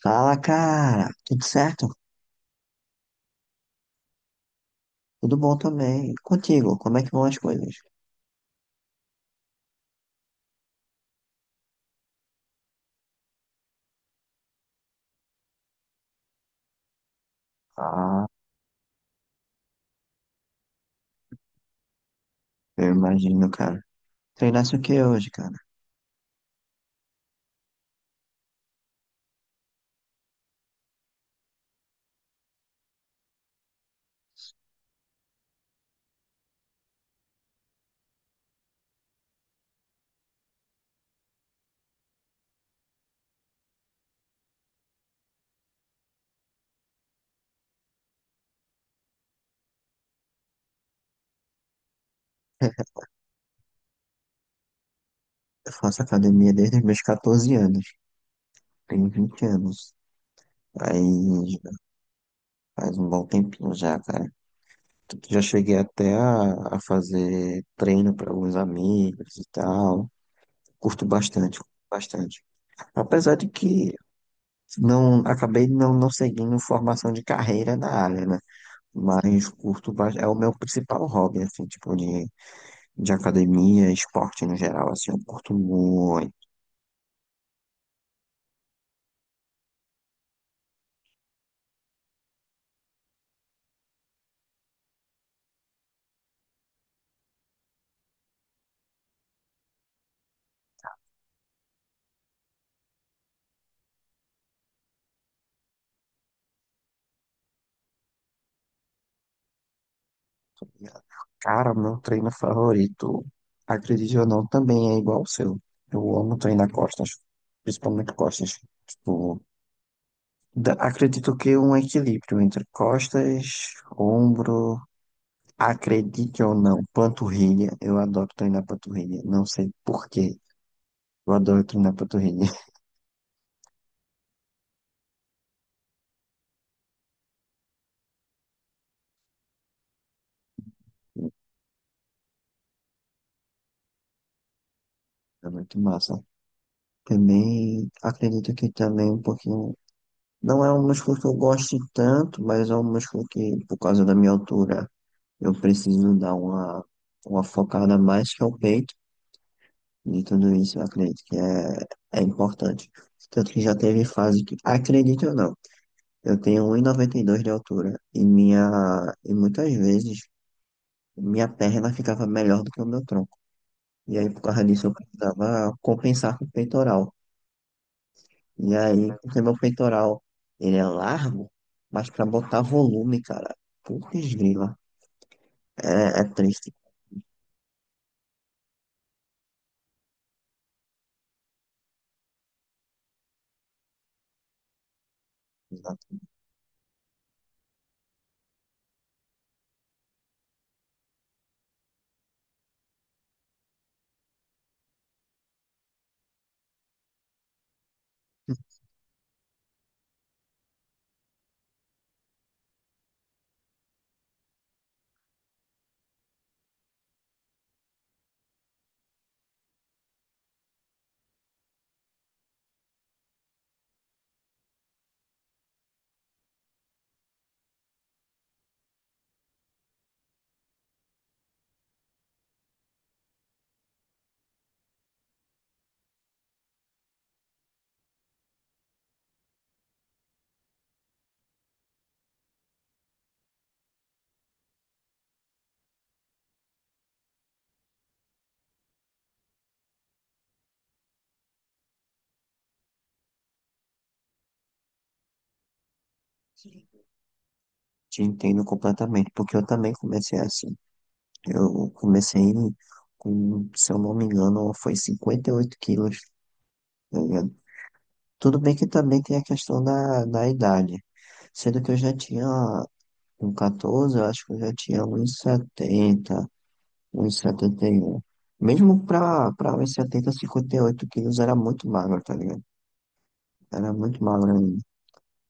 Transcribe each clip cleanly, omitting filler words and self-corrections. Fala, cara. Tudo certo? Tudo bom também. E contigo, como é que vão as coisas? Ah, eu imagino, cara. Treinasse o que hoje, cara? Eu faço academia desde os meus 14 anos. Tenho 20 anos. Aí faz um bom tempinho já, cara. Tanto que já cheguei até a fazer treino para alguns amigos e tal. Curto bastante, curto bastante. Apesar de que não acabei não seguindo formação de carreira na área, né? Mas curto, é o meu principal hobby, assim, tipo, de academia, esporte no geral, assim, eu curto muito. Cara, meu treino favorito, acredite ou não, também é igual ao seu. Eu amo treinar costas, principalmente costas. Tipo, acredito que um equilíbrio entre costas, ombro, acredite ou não, panturrilha. Eu adoro treinar panturrilha, não sei por quê, eu adoro treinar panturrilha. É muito massa. Também acredito que também um pouquinho. Não é um músculo que eu goste tanto, mas é um músculo que, por causa da minha altura, eu preciso dar uma focada mais que é o peito. E tudo isso eu acredito que é importante. Tanto que já teve fase que, acredite ou não, eu tenho 1,92 de altura e muitas vezes minha perna ficava melhor do que o meu tronco. E aí, por causa disso, eu precisava compensar com o peitoral. E aí, porque meu peitoral, ele é largo, mas pra botar volume, cara, putz grila, é triste. Exato. Te entendo completamente, porque eu também comecei assim. Eu comecei com, se eu não me engano, foi 58 quilos, tá ligado? Tudo bem que também tem a questão da idade. Sendo que eu já tinha, com 14 eu acho que eu já tinha uns 70 um e setenta e um. Mesmo pra 1,70, 58 quilos era muito magro, tá ligado? Era muito magro ainda.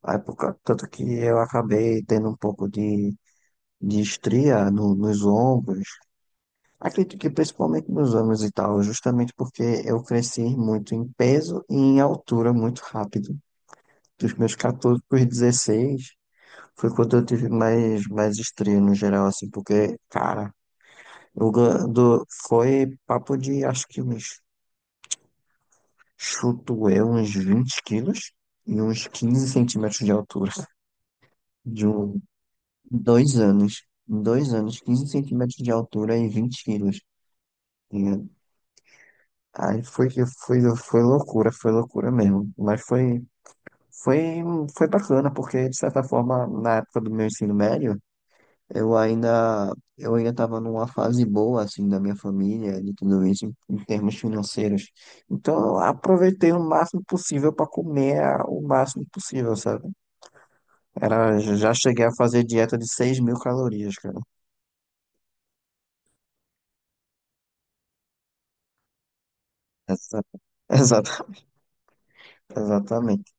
Aí, por tanto que eu acabei tendo um pouco de estria nos ombros. Acredito que principalmente nos ombros e tal, justamente porque eu cresci muito em peso e em altura muito rápido. Dos meus 14 para os 16 foi quando eu tive mais estria no geral, assim, porque, cara, foi papo de acho que uns Chuto eu uns 20 quilos e uns 15 centímetros de altura. De 2 anos. Em 2 anos, 15 centímetros de altura e 20 quilos. Tá ligado? Aí foi loucura, foi loucura mesmo. Mas foi, foi bacana, porque de certa forma, na época do meu ensino médio, eu ainda estava numa fase boa, assim, da minha família, de tudo isso, em termos financeiros. Então, eu aproveitei o máximo possível para comer o máximo possível, sabe? Era, já cheguei a fazer dieta de 6.000 calorias, cara. Exa- Exata, exatamente.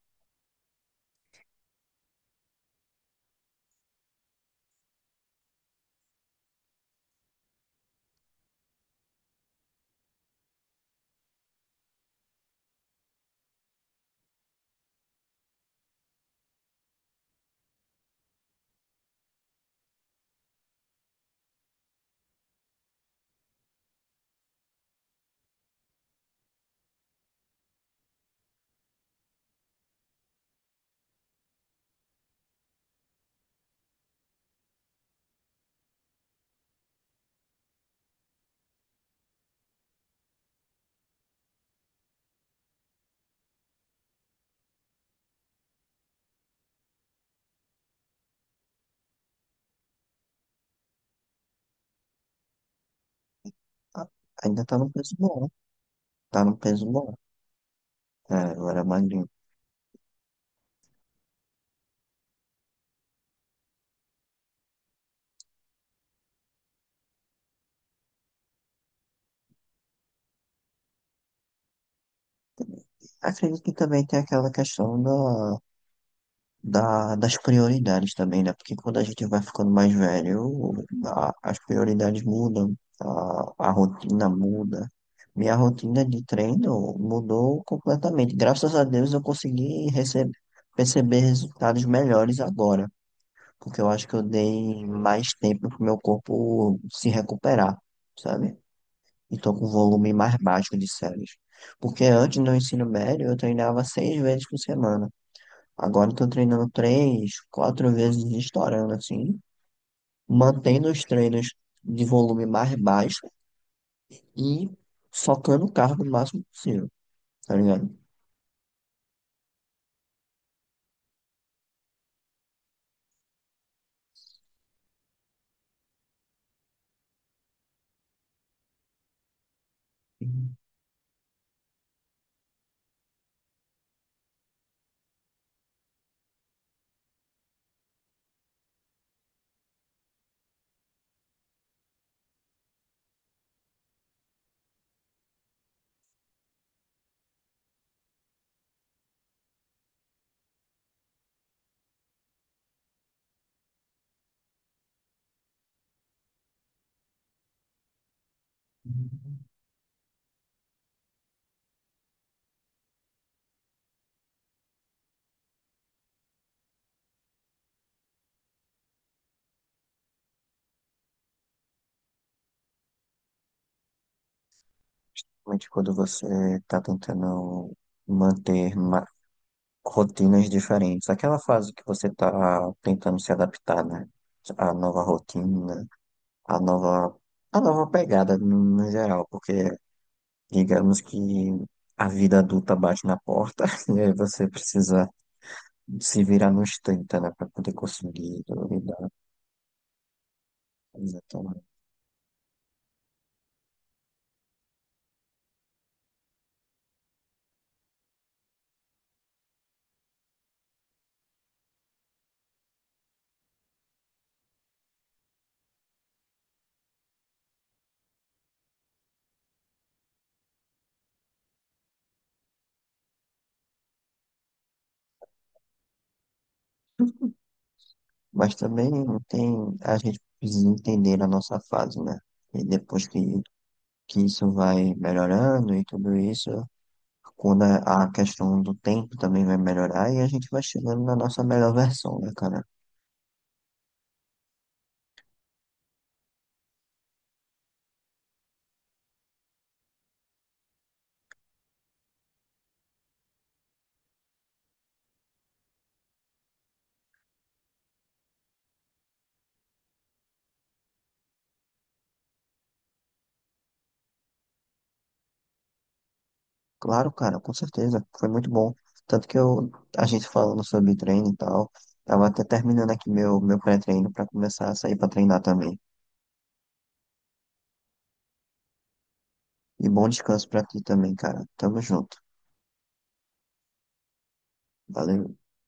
Ah, ainda tá num peso bom, né? Tá num peso bom. É, eu era magrinho. Acredito que também tem aquela questão das prioridades também, né? Porque quando a gente vai ficando mais velho, as prioridades mudam, a rotina muda. Minha rotina de treino mudou completamente. Graças a Deus eu consegui perceber resultados melhores agora, porque eu acho que eu dei mais tempo pro meu corpo se recuperar, sabe? E tô com um volume mais baixo de séries. Porque antes do ensino médio eu treinava 6 vezes por semana. Agora eu tô treinando três, quatro vezes estourando, assim, mantendo os treinos de volume mais baixo e socando o carro o máximo possível, tá ligado? Mas quando você tá tentando manter rotinas diferentes. Aquela fase que você está tentando se adaptar, né? A nova rotina, a nova, a nova pegada no geral, porque digamos que a vida adulta bate na porta e aí você precisa se virar nos 30, né? Para poder conseguir lidar com isso então. Mas também tem, a gente precisa entender a nossa fase, né? E depois que isso vai melhorando e tudo isso, quando a questão do tempo também vai melhorar e a gente vai chegando na nossa melhor versão, né, cara? Claro, cara, com certeza, foi muito bom. Tanto que eu, a gente falando sobre treino e tal, tava até terminando aqui meu pré-treino pra começar a sair pra treinar também. E bom descanso pra ti também, cara. Tamo junto. Valeu.